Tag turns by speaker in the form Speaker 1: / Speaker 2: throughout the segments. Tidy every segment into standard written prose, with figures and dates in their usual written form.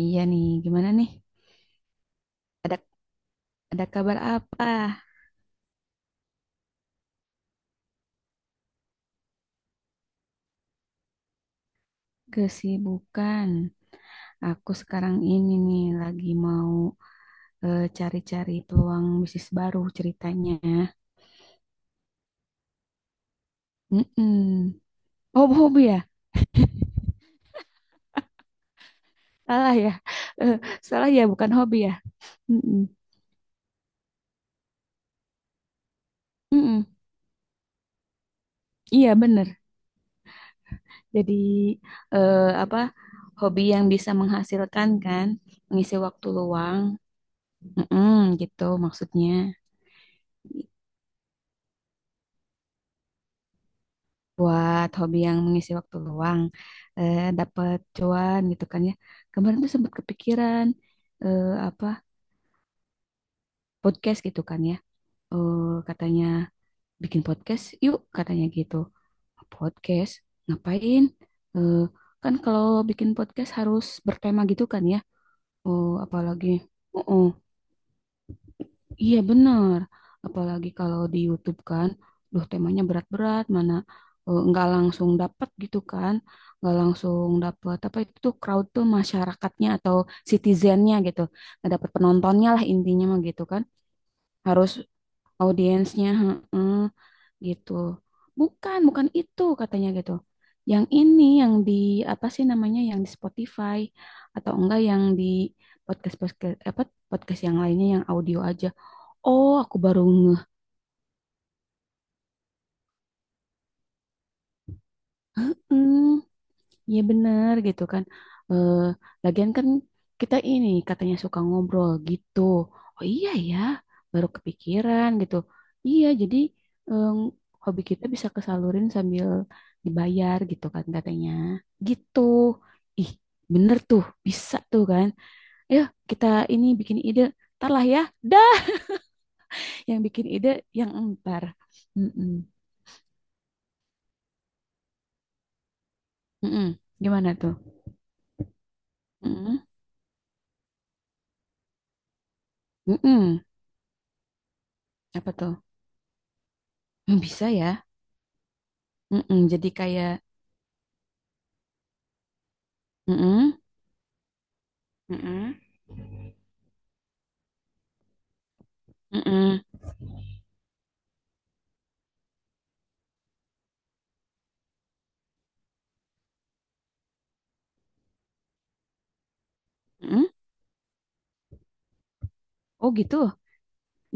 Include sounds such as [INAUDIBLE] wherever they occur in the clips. Speaker 1: Iya nih, gimana nih? Ada kabar apa? Kesibukan. Aku sekarang ini nih lagi mau cari-cari peluang bisnis baru ceritanya. Mm-mm. Oh, hobi ya? Salah ya. [LAUGHS] Eh, Salah ya, bukan hobi ya. Mm-mm. Mm-mm. Iya, bener. Jadi apa? Hobi yang bisa menghasilkan kan, mengisi waktu luang. Mm-mm, gitu maksudnya. Buat hobi yang mengisi waktu luang dapat cuan gitu kan ya, kemarin tuh sempat kepikiran, apa, podcast gitu kan ya. Eh, Katanya bikin podcast yuk katanya gitu. Podcast ngapain? Eh, Kan kalau bikin podcast harus bertema gitu kan ya, oh apalagi. Oh, oh. Iya benar, apalagi kalau di YouTube kan, duh temanya berat-berat, mana nggak langsung dapat gitu kan, nggak langsung dapat apa itu tuh crowd tuh masyarakatnya atau citizennya gitu, nggak dapat penontonnya lah intinya mah gitu kan, harus audiensnya heeh, gitu, bukan bukan itu katanya gitu, yang ini yang di apa sih namanya yang di Spotify atau enggak yang di podcast podcast apa, podcast yang lainnya yang audio aja. Oh, aku baru ngeh. Hmm, ya benar gitu kan. Eh, Lagian kan kita ini katanya suka ngobrol gitu. Oh iya ya, baru kepikiran gitu. Iya, jadi em, hobi kita bisa kesalurin sambil dibayar gitu kan katanya. Gitu. Ih, bener tuh, bisa tuh kan. Ayo kita ini bikin ide. Ntar lah ya. Dah, yang bikin ide yang entar. Mm-mm. Mm-mm. Gimana tuh? Mm-mm. Mm-mm. Apa tuh? Hmm, bisa ya. Mm-mm, jadi kayak, mm-mm. Mm-mm. Mm-mm, mm-mm. Oh gitu.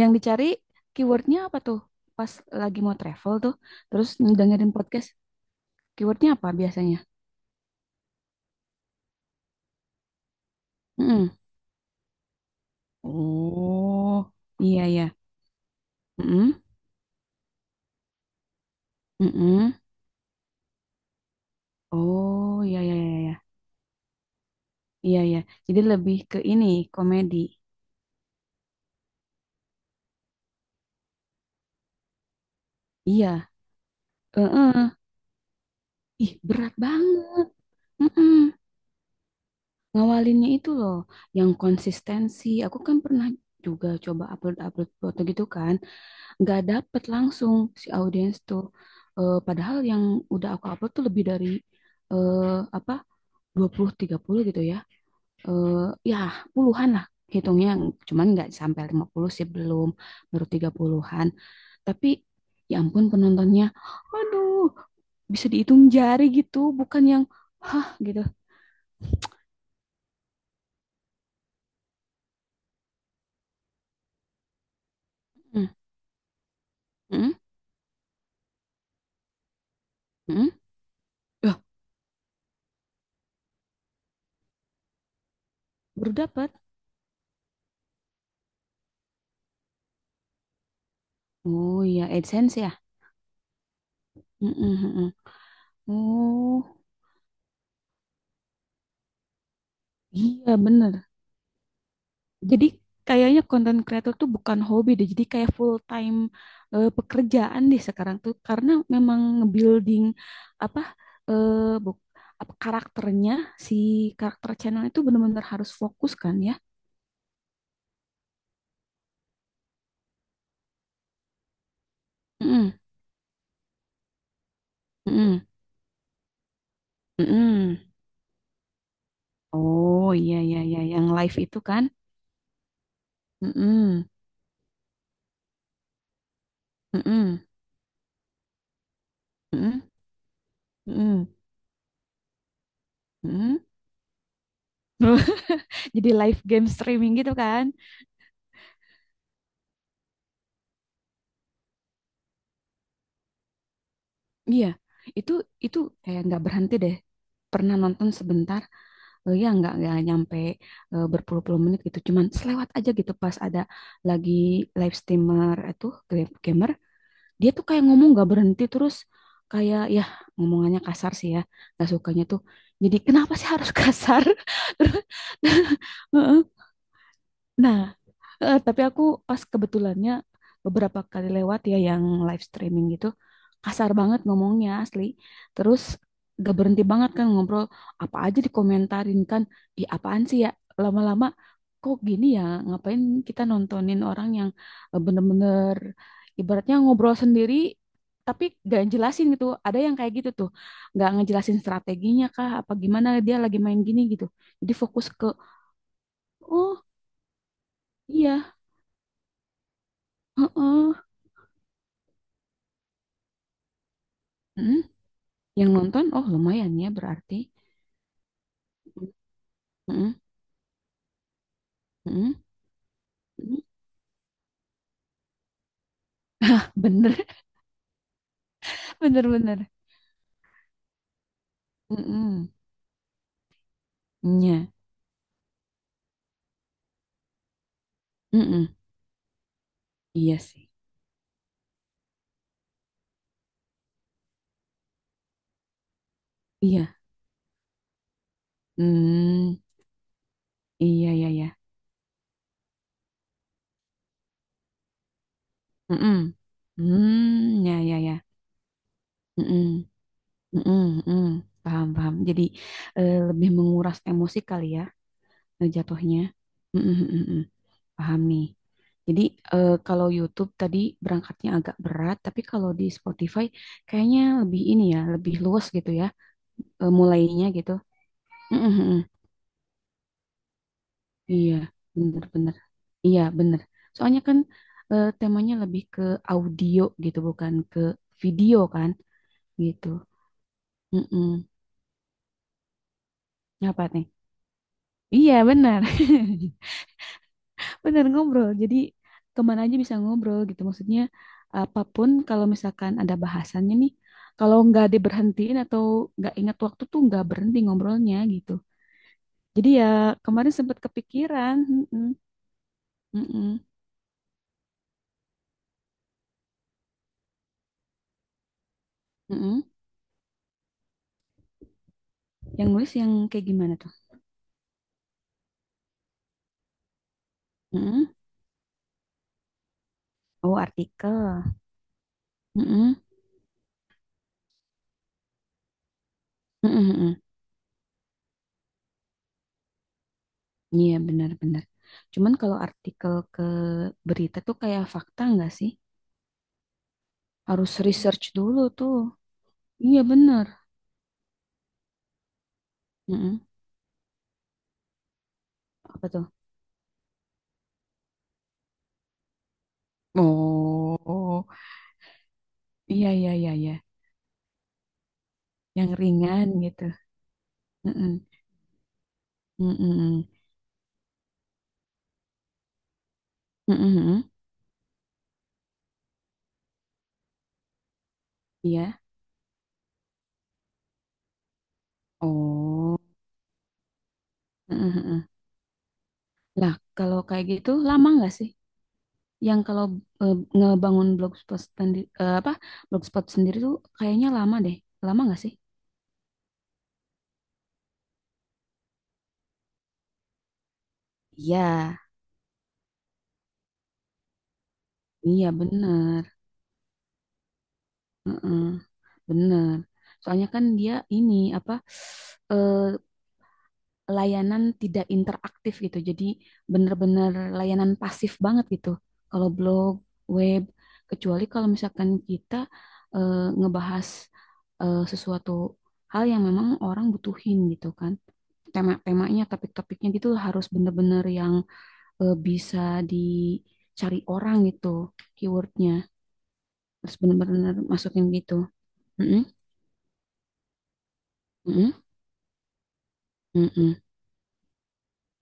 Speaker 1: Yang dicari keywordnya apa tuh? Pas lagi mau travel tuh, terus dengerin podcast, keywordnya apa biasanya? Mm-mm. Oh, iya ya. Mm-mm, mm-mm. Oh, iya ya ya ya. Iya ya. Jadi lebih ke ini, komedi. Iya. Eh, eh. Ih, berat banget. Mm-mm. Ngawalinnya itu loh yang konsistensi, aku kan pernah juga coba upload upload foto gitu kan, nggak dapet langsung si audiens tuh. Padahal yang udah aku upload tuh lebih dari eh, apa, 20 30 gitu ya. Eh, Ya puluhan lah hitungnya, cuman nggak sampai 50 sih, belum, baru 30-an. Tapi ya ampun penontonnya, aduh, bisa dihitung jari gitu, bukan yang hah gitu. Hmm, hmm, hmm. Loh, baru dapat. Oh iya, AdSense ya? Mm-mm, mm-mm. Oh iya bener. Jadi kayaknya konten creator tuh bukan hobi deh, jadi kayak full time pekerjaan deh sekarang tuh, karena memang nge-building apa, eh buk, apa karakternya si karakter channel itu bener-bener harus fokus kan ya? Mm-mm, mm-mm, mm-mm. Oh iya iya iya yang live itu kan? Mm-mm, mm-mm, mm-mm, mm-mm, mm-mm. [LAUGHS] Jadi live game streaming gitu kan? Iya, itu itu kayak nggak berhenti deh. Pernah nonton sebentar, ya nggak, berpuluh-puluh menit gitu. Cuman selewat aja gitu pas ada lagi live streamer itu, gamer, dia tuh kayak ngomong nggak berhenti terus kayak ya, ngomongannya kasar sih ya, nggak sukanya tuh. Jadi kenapa sih harus kasar? [LAUGHS] Terus, [LAUGHS] heeh. Nah, tapi aku pas kebetulannya beberapa kali lewat ya yang live streaming gitu kasar banget ngomongnya asli. Terus gak berhenti banget kan ngobrol, apa aja dikomentarin kan. Ih apaan sih ya, lama-lama kok gini ya, ngapain kita nontonin orang yang bener-bener ibaratnya ngobrol sendiri tapi gak jelasin gitu. Ada yang kayak gitu tuh gak ngejelasin strateginya kah apa gimana dia lagi main gini gitu. Jadi fokus ke, oh iya heeh. Mm, yang nonton, oh lumayan ya berarti. Mm-mm, mm-mm, mm-mm. Bener, [LAUGHS] bener, bener. Mm-mm, iya, mm-mm. Iya sih. Iya. Hmm, iya, iya, iya. Mm-mm. Hmm, ya, ya, ya. Mm-mm, mm-mm, mm. Paham, paham. Jadi lebih menguras emosi kali ya, jatuhnya. Mm-mm, mm-mm, mm. Paham nih. Jadi kalau YouTube tadi berangkatnya agak berat, tapi kalau di Spotify kayaknya lebih ini ya, lebih luas gitu ya. Mulainya gitu. Mm, mm, mm. Iya, bener-bener. Iya, bener. Soalnya kan temanya lebih ke audio gitu, bukan ke video kan gitu. Mm-mm. Apa nih? Iya, bener. [LAUGHS] Bener ngobrol. Jadi kemana aja bisa ngobrol gitu. Maksudnya apapun kalau misalkan ada bahasannya nih, kalau nggak diberhentiin atau nggak ingat waktu tuh nggak berhenti ngobrolnya gitu. Jadi ya kemarin sempat kepikiran. Mm-mm. Mm-mm. Mm-mm. Yang nulis yang kayak gimana tuh? Mm-mm. Oh, artikel. Mm-mm. Mm-mm, mm-mm. Iya, benar-benar. Cuman kalau artikel ke berita tuh kayak fakta nggak sih? Harus research dulu tuh. Iya, benar. Mm-mm. Apa tuh? Oh, iya, iya, iya, iya. Yang ringan gitu. Mm-mm. Mm-mm. Mm-mm. Iya. Oh. Mm-mm. Lah, kalau kayak gitu lama nggak sih? Yang kalau ngebangun blogspot sendiri, apa, blogspot sendiri tuh kayaknya lama deh. Lama nggak sih? Iya, iya bener, heeh, bener. Soalnya kan dia ini apa, eh, layanan tidak interaktif gitu. Jadi bener-bener layanan pasif banget gitu. Kalau blog, web, kecuali kalau misalkan kita ngebahas sesuatu hal yang memang orang butuhin gitu kan. Tema-temanya, topik-topiknya gitu harus bener-bener yang bisa dicari orang gitu keywordnya. Harus bener-bener masukin gitu. Mm-mm, mm-mm, mm-mm,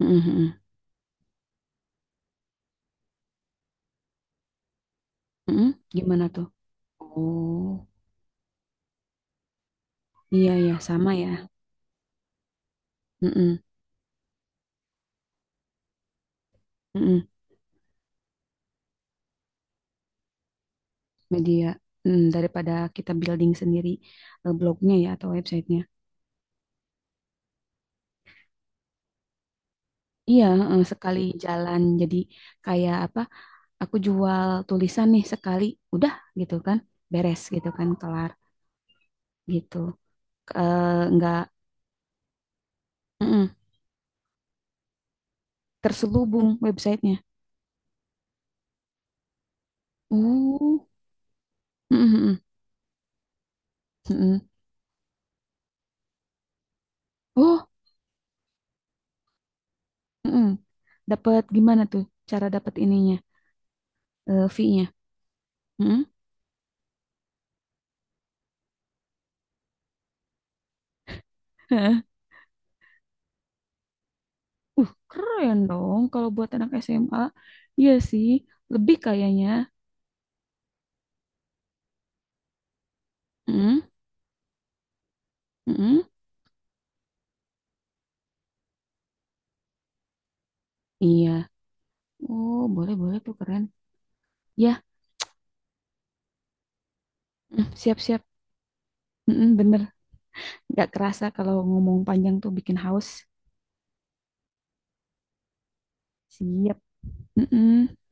Speaker 1: mm-mm, mm-mm, mm-mm. Gimana tuh? Oh, iya ya sama ya. Mm-mm, mm-mm. Media, mm, daripada kita building sendiri blognya ya atau websitenya. Iya, sekali jalan jadi kayak apa? Aku jual tulisan nih sekali, udah, gitu kan, beres gitu kan, kelar, gitu. Eh, nggak, mm-mm, terselubung websitenya. Oh, mm-mm, mm-mm. Oh, mm-mm. Dapat gimana tuh, cara dapat ininya, fee-nya? Mm-mm. Hah? Keren dong kalau buat anak SMA. Iya sih, lebih kayaknya. Mm-mm, mm-mm. Iya. Oh, boleh boleh tuh keren. Ya, mm, siap-siap. Mm-mm, bener, nggak kerasa kalau ngomong panjang tuh bikin haus. Siap. Mm-mm.